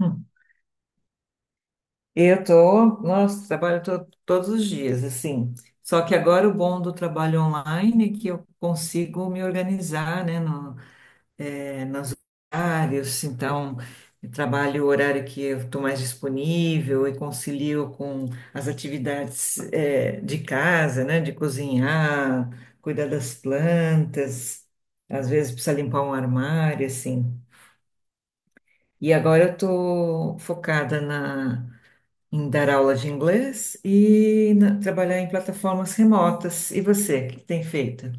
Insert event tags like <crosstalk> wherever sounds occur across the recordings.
Hum. Eu tô, nossa, trabalho todos os dias, assim. Só que agora o bom do trabalho online é que eu consigo me organizar, né, no horários, então eu trabalho o horário que eu estou mais disponível e concilio com as atividades de casa, né, de cozinhar, cuidar das plantas, às vezes precisa limpar um armário, assim. E agora eu estou focada em dar aulas de inglês e trabalhar em plataformas remotas. E você, o que tem feito?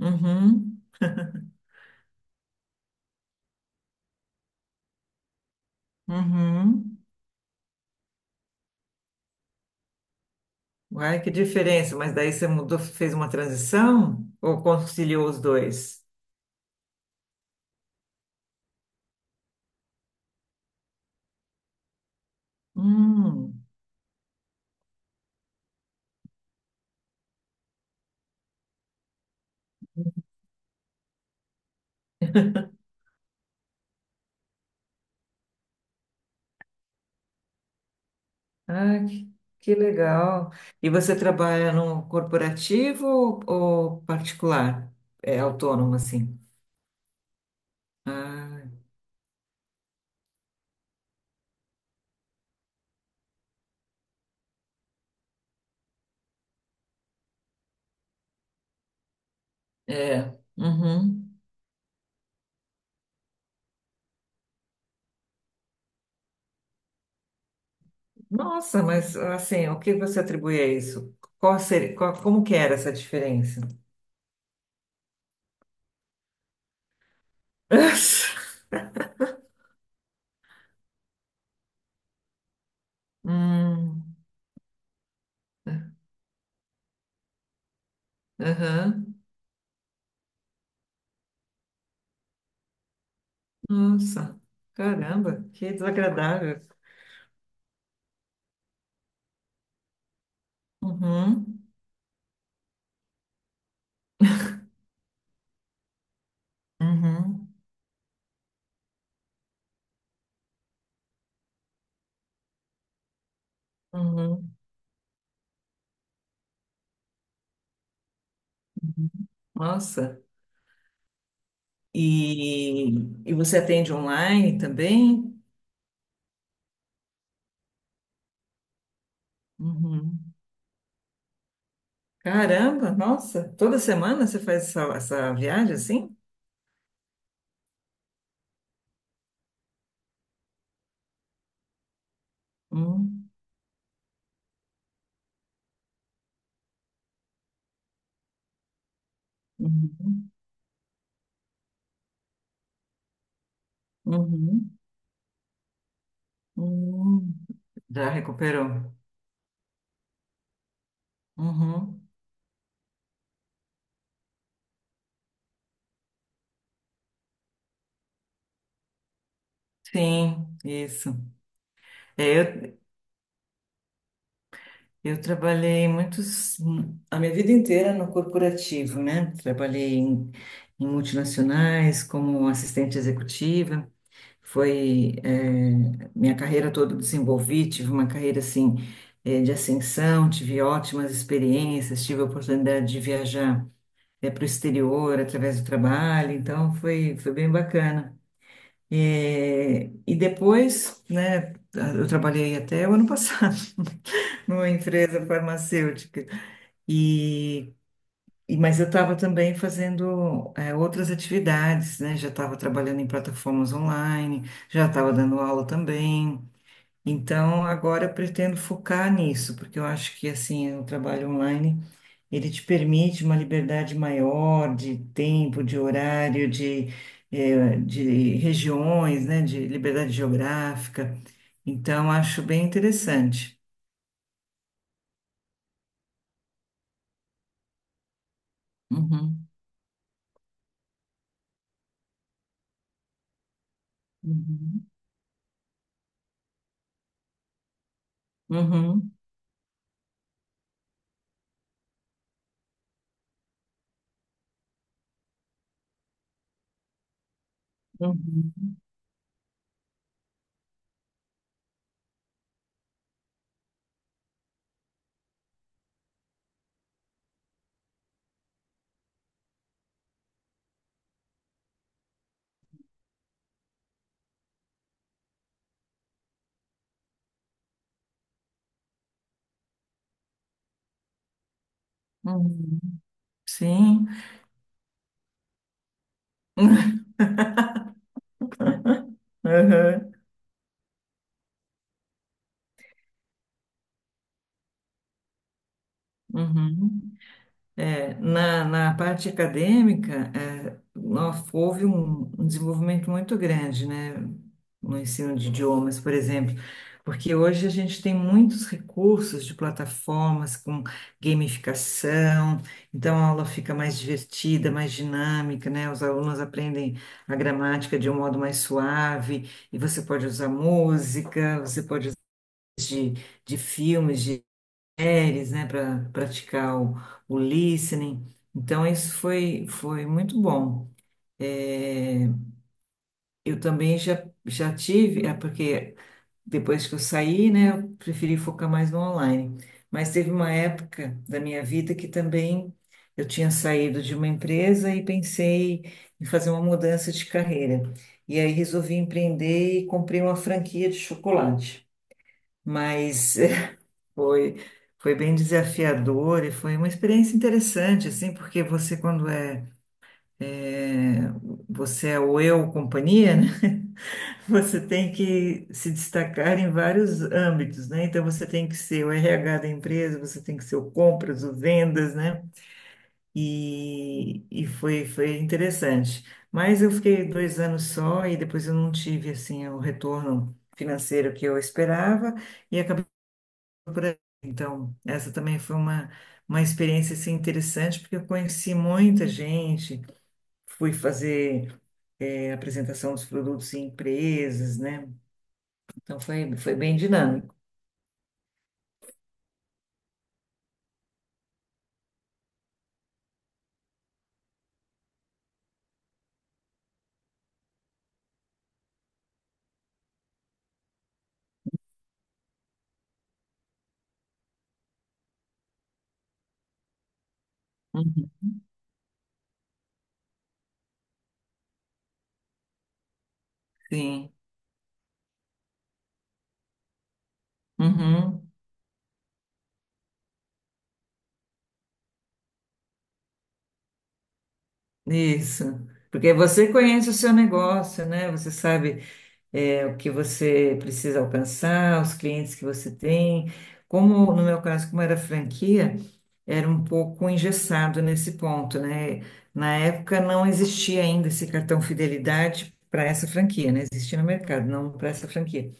Uhum, uhum. Uai, que diferença, mas daí você mudou, fez uma transição ou conciliou os dois? Hum, ah, que legal. E você trabalha no corporativo ou particular? É autônomo assim? Ah, é. Uhum. Nossa, mas assim, o que você atribui a isso? Qual seria, como que era essa diferença? <laughs> Hum, é, aham. Nossa, caramba, que desagradável. Uhum, uhum, uhum. Nossa. E, e você atende online também? Uhum. Caramba, nossa, toda semana você faz essa viagem assim? Hum, uhum, uhum, uhum. Já recuperou. Uhum. Sim, isso. É, eu, eu trabalhei muitos, a minha vida inteira no corporativo, né? Trabalhei em, em multinacionais como assistente executiva. Foi, é, minha carreira toda eu desenvolvi, tive uma carreira assim, é, de ascensão, tive ótimas experiências, tive a oportunidade de viajar, é, para o exterior através do trabalho, então foi, foi bem bacana. É, e depois, né, eu trabalhei até o ano passado <laughs> numa empresa farmacêutica. E, mas eu estava também fazendo outras atividades, né? Já estava trabalhando em plataformas online, já estava dando aula também. Então agora eu pretendo focar nisso, porque eu acho que assim o trabalho online ele te permite uma liberdade maior de tempo, de horário, de, de regiões, né? De liberdade geográfica. Então, acho bem interessante. Uhum, uhum, uhum, uhum, uhum. Sim. <laughs> Uhum, uhum. É, na parte acadêmica, é, houve um, um desenvolvimento muito grande, né, no ensino de idiomas, por exemplo, porque hoje a gente tem muitos recursos de plataformas com gamificação, então a aula fica mais divertida, mais dinâmica, né, os alunos aprendem a gramática de um modo mais suave, e você pode usar música, você pode usar de, de filmes, séries, né, para praticar o listening. Então, isso foi, foi muito bom. É, eu também já, já tive, é porque depois que eu saí, né, eu preferi focar mais no online. Mas teve uma época da minha vida que também eu tinha saído de uma empresa e pensei em fazer uma mudança de carreira. E aí resolvi empreender e comprei uma franquia de chocolate. Mas foi, foi bem desafiador e foi uma experiência interessante, assim, porque você, quando é, é, você é o eu companhia, né? <laughs> Você tem que se destacar em vários âmbitos, né? Então, você tem que ser o RH da empresa, você tem que ser o compras, o vendas, né? E foi, foi interessante. Mas eu fiquei dois anos só e depois eu não tive, assim, o retorno financeiro que eu esperava e acabei por aí. Então, essa também foi uma experiência assim, interessante, porque eu conheci muita gente, fui fazer apresentação dos produtos em empresas, né? Então, foi, foi bem dinâmico. Uhum. Sim, uhum. Isso. Porque você conhece o seu negócio, né? Você sabe é, o que você precisa alcançar, os clientes que você tem. Como no meu caso, como era franquia, era um pouco engessado nesse ponto, né? Na época não existia ainda esse cartão fidelidade para essa franquia, né? Existia no mercado, não para essa franquia.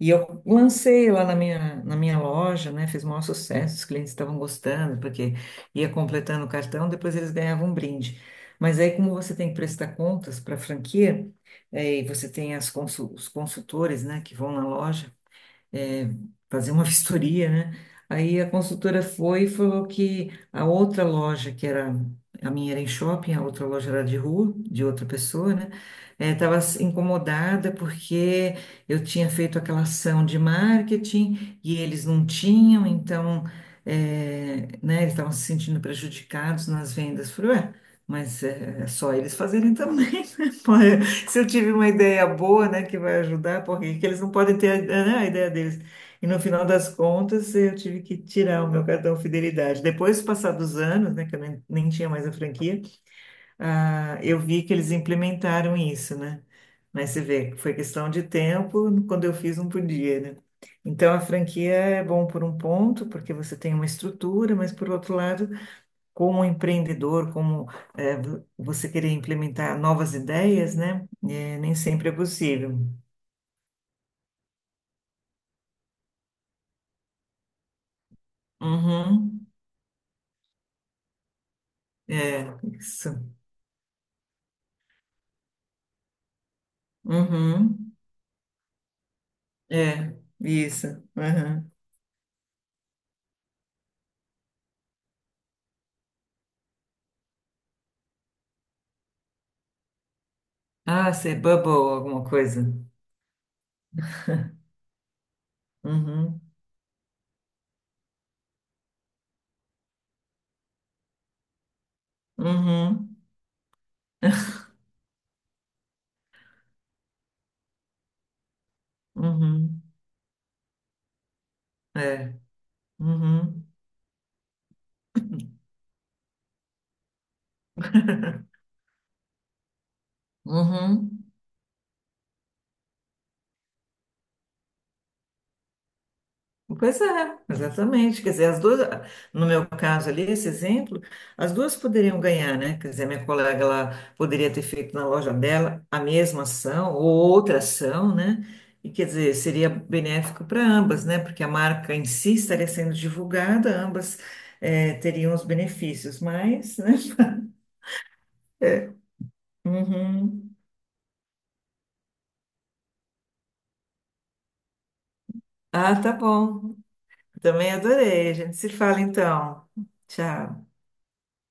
E eu lancei lá na minha loja, né? Fiz o maior sucesso, os clientes estavam gostando, porque ia completando o cartão, depois eles ganhavam um brinde. Mas aí, como você tem que prestar contas para a franquia, eh, e você tem as os consultores, né, que vão na loja, é, fazer uma <laughs> vistoria, né? Aí a consultora foi e falou que a outra loja, que era, a minha era em shopping, a outra loja era de rua, de outra pessoa, né? Estava incomodada porque eu tinha feito aquela ação de marketing e eles não tinham, então, é, né, eles estavam se sentindo prejudicados nas vendas. Falei, ué, mas é só eles fazerem também, <laughs> né? Se eu tive uma ideia boa, né, que vai ajudar, porque que eles não podem ter, né, a ideia deles. E no final das contas, eu tive que tirar o meu cartão fidelidade. Depois, do passar dos anos, né, que eu nem, nem tinha mais a franquia, ah, eu vi que eles implementaram isso, né? Mas você vê, foi questão de tempo, quando eu fiz, não podia, né? Então, a franquia é bom por um ponto, porque você tem uma estrutura, mas por outro lado, como empreendedor, como é, você querer implementar novas ideias, né? É, nem sempre é possível. Uhum. É, isso. Uhum. É, isso. Uhum. Ah, ser bubble, alguma coisa. Uhum. Uhum. Uhum. É. Uhum. Uhum. Pois é, exatamente. Quer dizer, as duas, no meu caso ali, esse exemplo, as duas poderiam ganhar, né? Quer dizer, a minha colega, ela poderia ter feito na loja dela a mesma ação ou outra ação, né? E quer dizer, seria benéfico para ambas, né? Porque a marca em si estaria sendo divulgada, ambas, eh, teriam os benefícios, mas, né? <laughs> É. Uhum. Ah, tá bom. Também adorei. A gente se fala então. Tchau.